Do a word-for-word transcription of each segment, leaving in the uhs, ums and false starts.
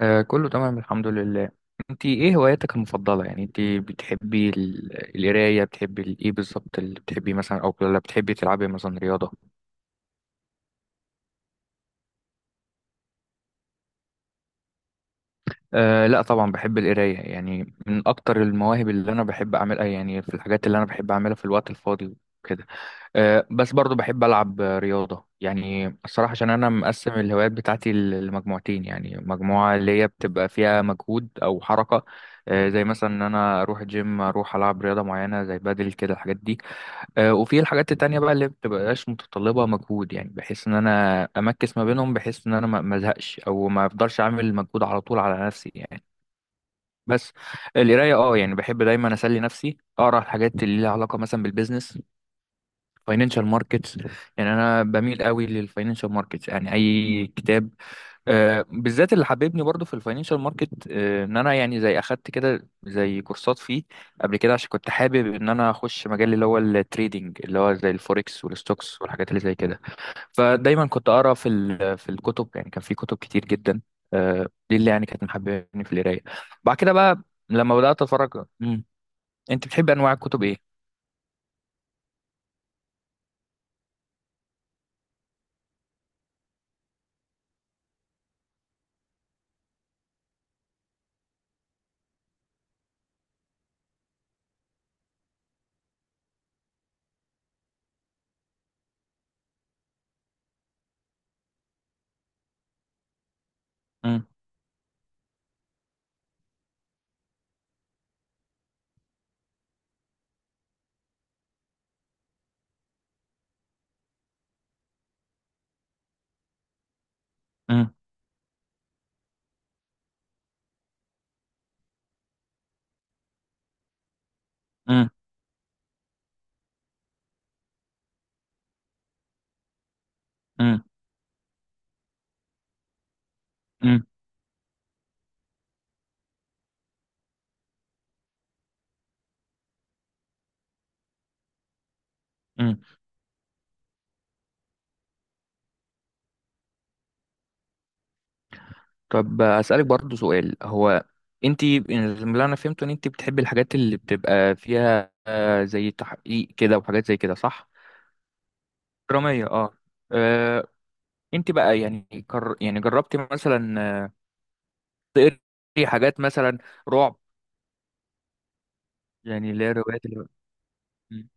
آه، كله تمام الحمد لله. انت ايه هواياتك المفضله يعني انت بتحبي ال- القرايه بتحبي ال- ايه بالظبط اللي بتحبي مثلا او ولا بتحبي تلعبي مثلا رياضه؟ آه، لا طبعا بحب القرايه يعني من اكتر المواهب اللي انا بحب اعملها يعني في الحاجات اللي انا بحب اعملها في الوقت الفاضي وكده. آه، بس برضو بحب ألعب آه، رياضة يعني الصراحة عشان أنا مقسم الهوايات بتاعتي ل- لمجموعتين يعني مجموعة اللي هي بتبقى فيها مجهود أو حركة آه، زي مثلا إن أنا أروح جيم أروح ألعب رياضة معينة زي بدل كده الحاجات دي. آه، وفي الحاجات التانية بقى اللي بتبقاش متطلبة مجهود يعني بحيث إن أنا أمكس ما بينهم بحيث إن أنا ما ما أزهقش أو ما أفضلش أعمل مجهود على طول على نفسي يعني. بس القراية اه يعني بحب دايما أسلي نفسي أقرأ الحاجات اللي ليها علاقة مثلا بالبيزنس فاينانشال ماركتس. يعني انا بميل قوي للفاينانشال ماركتس يعني اي كتاب آه، بالذات اللي حببني برضو في الفاينانشال ماركت آه، ان انا يعني زي اخدت كده زي كورسات فيه قبل كده عشان كنت حابب ان انا اخش مجال اللي هو التريدينج اللي هو زي الفوركس والستوكس والحاجات اللي زي كده. فدايما كنت اقرا في ال- في الكتب يعني كان في كتب كتير جدا آه، دي اللي يعني كانت محببني في القرايه. بعد كده بقى لما بدات اتفرج مم. انت بتحب انواع الكتب ايه؟ امم. امم. امم. امم. طب أسألك برضو سؤال هو انت اللي انا فهمته ان انت بتحبي الحاجات اللي بتبقى فيها آه، زي تحقيق كده وحاجات زي كده صح؟ درامية اه. آه، انت بقى يعني كر... يعني جربتي مثلا آه، تقري حاجات مثلا رعب يعني اللي هي الروايات اللي. مم.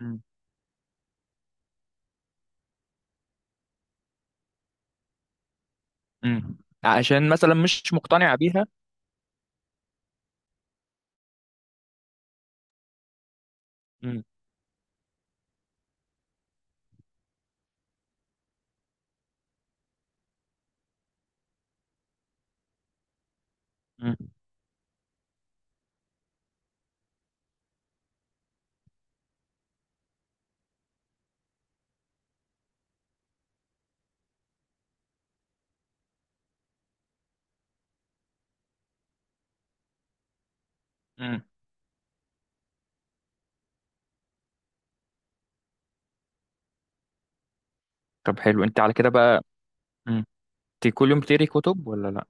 مم. مم. عشان مثلا مش مقتنعة بيها. مم. مم. مم. طب حلو انت على كده بقى. مم. انت كل يوم بتقري كتب ولا لا؟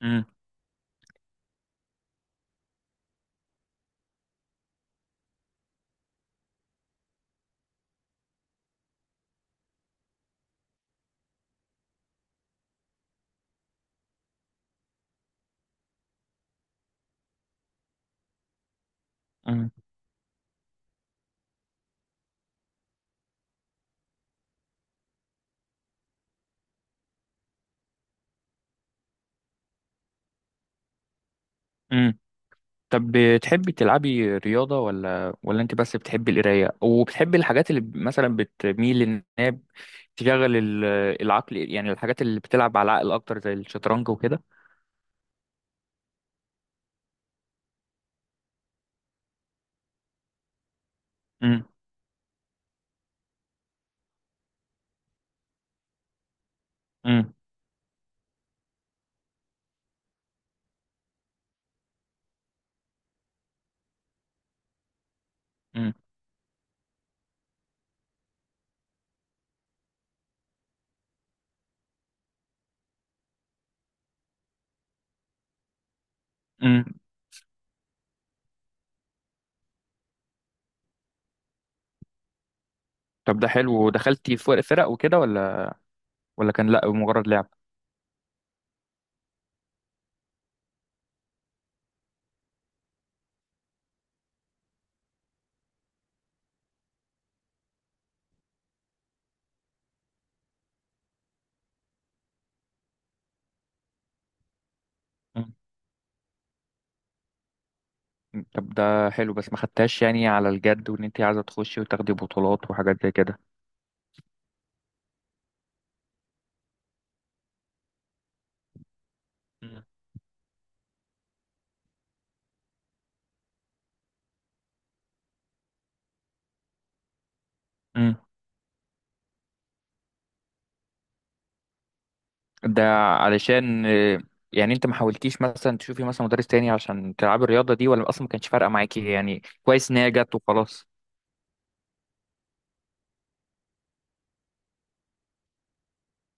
مم. مم. مم. طب بتحبي تلعبي رياضة ولا ولا انت بس بتحبي القراية وبتحبي الحاجات اللي مثلا بتميل انها تشغل ال- العقل يعني الحاجات اللي بتلعب على العقل اكتر زي الشطرنج وكده. امم. امم. امم. امم. طب ده حلو ودخلتي في فرق وكده ولا؟ ولا كان لا مجرد لعب. مم. طب ده حلو بس ما خدتهاش يعني على الجد وان انت عايزة تخشي وتاخدي بطولات وحاجات زي كده. مم. ده علشان آه، يعني انت ما حاولتيش مثلا تشوفي مثلا مدرس تاني عشان تلعبي الرياضة دي ولا اصلا ما كانش فارقة معاكي يعني كويس ان هي جت وخلاص؟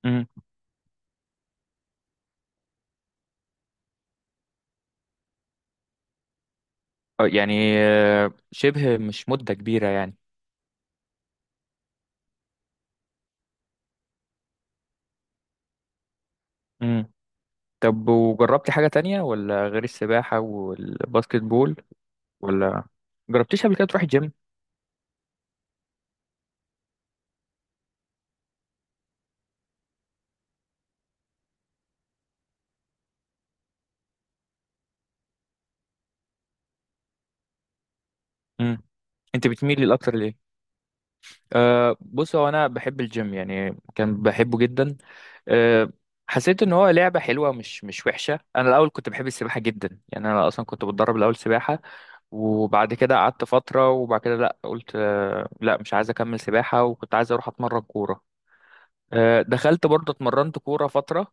امم. آه، يعني آه، شبه مش مدة كبيرة يعني. امم. طب وجربتي حاجة تانية ولا غير السباحة والباسكت بول ولا جربتيش قبل كده تروحي جيم؟ امم. انت بتميلي الاكتر ليه؟ أه، بص هو انا بحب الجيم يعني كان بحبه جدا. أه، حسيت ان هو لعبه حلوه مش مش وحشه. انا الاول كنت بحب السباحه جدا يعني انا اصلا كنت بتدرب الاول سباحه وبعد كده قعدت فتره وبعد كده لا قلت أه، لا مش عايز اكمل سباحه وكنت عايز اروح اتمرن كوره. أه، دخلت برضه اتمرنت كوره فتره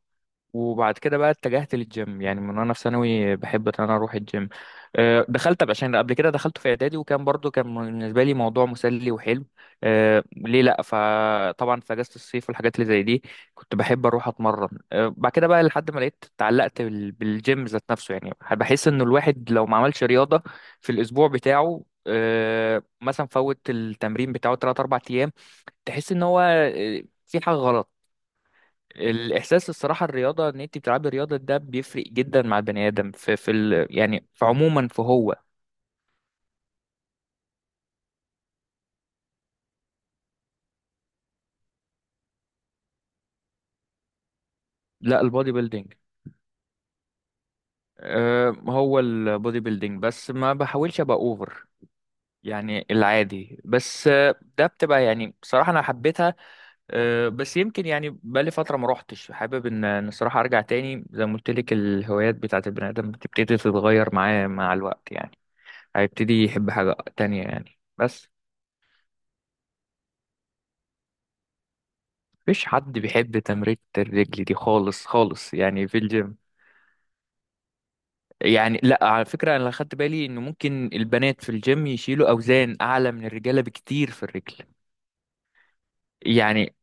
وبعد كده بقى اتجهت للجيم يعني من وانا في ثانوي بحب ان انا اروح الجيم. آه، دخلت عشان قبل كده دخلت في اعدادي وكان برضو كان بالنسبه لي موضوع مسلي وحلو. آه، ليه لا فطبعا في اجازه الصيف والحاجات اللي زي دي كنت بحب اروح اتمرن. آه، بعد كده بقى لحد ما لقيت اتعلقت بال- بالجيم ذات نفسه يعني بحس انه الواحد لو ما عملش رياضه في الاسبوع بتاعه آه، مثلا فوت التمرين بتاعه تلاتة اربعة ايام تحس ان هو آه، في حاجه غلط. الاحساس الصراحه الرياضه ان انت بتلعبي رياضه ده بيفرق جدا مع البني ادم في في ال يعني في عموما في هو. لا البودي بيلدينج. أه، هو البودي بيلدينج بس ما بحاولش ابقى اوفر يعني العادي بس آه، ده بتبقى يعني بصراحه انا حبيتها. أه، بس يمكن يعني بقالي فتره ما روحتش حابب ان إن الصراحه ارجع تاني زي ما قلت لك الهوايات بتاعت البني ادم بتبتدي تتغير معاه مع الوقت يعني هيبتدي يحب حاجه تانية يعني بس. مفيش حد بيحب تمرينة الرجل دي خالص خالص يعني في الجيم. يعني لا على فكرة انا اللي خدت بالي ان ممكن البنات في الجيم يشيلوا اوزان اعلى من الرجالة بكتير في الرجل. يعني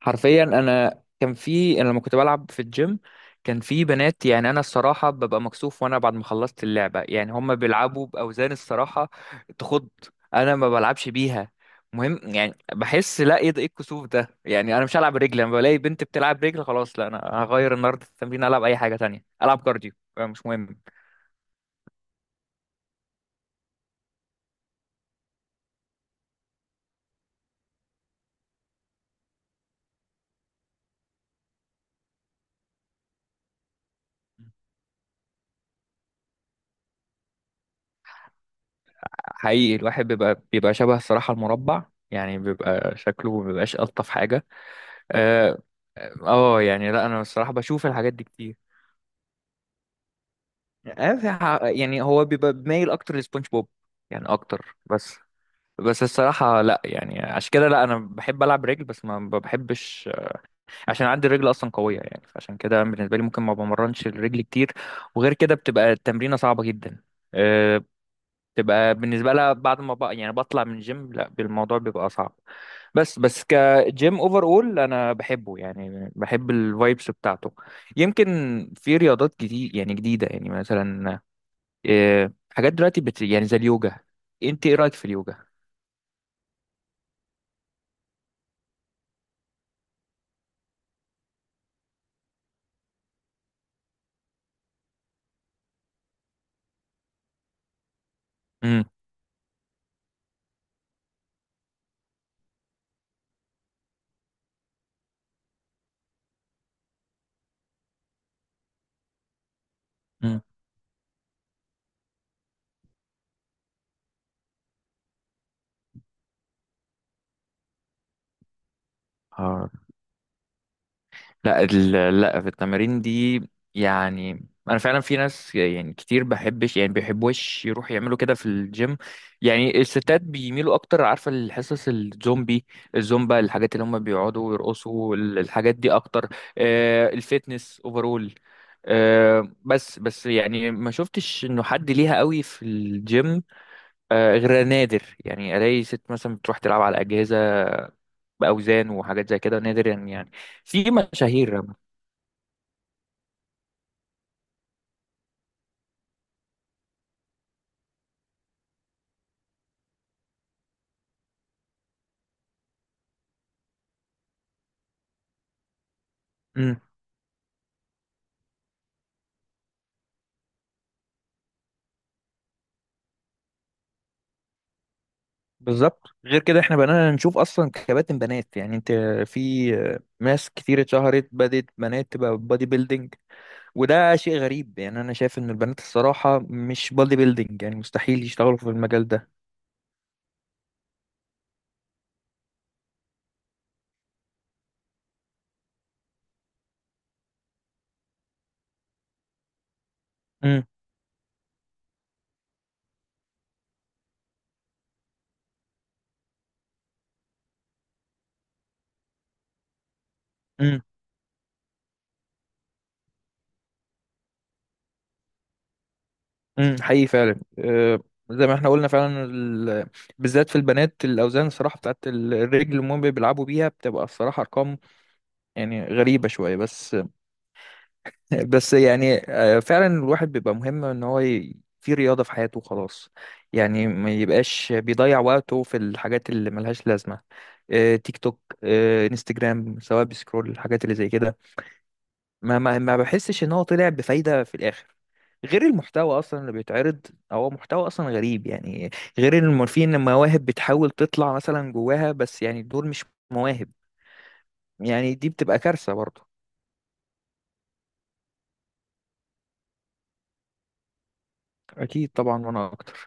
حرفيا انا كان في انا لما كنت بلعب في الجيم كان في بنات يعني انا الصراحه ببقى مكسوف وانا بعد ما خلصت اللعبه يعني هم بيلعبوا باوزان الصراحه تخض. انا ما بلعبش بيها. مهم يعني بحس لا ايه ده ايه الكسوف ده يعني انا مش هلعب رجل لما بلاقي بنت بتلعب رجل خلاص. لا انا هغير النهارده التمرين العب اي حاجه تانية العب كارديو مش مهم. حقيقي الواحد بيبقى بيبقى شبه الصراحة المربع يعني بيبقى شكله ما بيبقاش ألطف حاجة. آه، اه يعني لا انا الصراحه بشوف الحاجات دي كتير. آه، في ح- يعني هو بيبقى مايل اكتر لسبونج بوب يعني اكتر بس. بس الصراحه لا يعني عشان كده لا انا بحب العب رجل بس ما ما بحبش عشان عندي الرجل اصلا قويه يعني فعشان كده بالنسبه لي ممكن ما بمرنش الرجل كتير وغير كده بتبقى التمرينه صعبه جدا آه، تبقى بالنسبة لها بعد ما بقى يعني بطلع من الجيم لا الموضوع بيبقى صعب بس. بس كجيم اوفر اول انا بحبه يعني بحب الفايبس بتاعته. يمكن في رياضات جديد يعني جديدة يعني مثلا آه، حاجات دلوقتي بت يعني زي اليوجا. انت ايه رأيك في اليوجا؟ امم. لا ال- لا في التمارين دي يعني انا فعلا في ناس يعني كتير بحبش يعني بيحبوش يروحوا يعملوا كده في الجيم يعني الستات بيميلوا اكتر عارفه الحصص الزومبي الزومبا الحاجات اللي هم بيقعدوا ويرقصوا ال- الحاجات دي اكتر. آه الفيتنس اوفرول. آه بس بس يعني ما شفتش انه حد ليها قوي في الجيم. آه غير نادر يعني الاقي ست مثلا بتروح تلعب على اجهزه باوزان وحاجات زي كده نادر يعني يعني في مشاهير. مم. بالظبط غير كده احنا بقينا نشوف اصلا كباتن بنات يعني انت في ناس كتير اتشهرت بدات بنات تبقى بادي بيلدينج وده شيء غريب يعني انا شايف ان البنات الصراحه مش بادي بيلدينج يعني مستحيل يشتغلوا في المجال ده. امم. امم. امم. حقيقي فعلا اه، زي ما احنا قلنا فعلا ال... بالذات في البنات الاوزان الصراحه بتاعت الرجل اللي هم بيلعبوا بيها بتبقى الصراحه ارقام يعني غريبه شويه بس. بس يعني آه، فعلا الواحد بيبقى مهم ان هو ي- في رياضة في حياته خلاص يعني ما يبقاش بيضيع وقته في الحاجات اللي ملهاش لازمة آه، تيك توك آه، انستجرام سواء بيسكرول الحاجات اللي زي كده ما ما ما بحسش ان هو طلع بفايدة في الاخر غير المحتوى اصلا اللي بيتعرض هو محتوى اصلا غريب يعني غير ان في ان مواهب بتحاول تطلع مثلا جواها بس يعني دول مش مواهب يعني دي بتبقى كارثة برضه. اكيد طبعا وانا اكتر.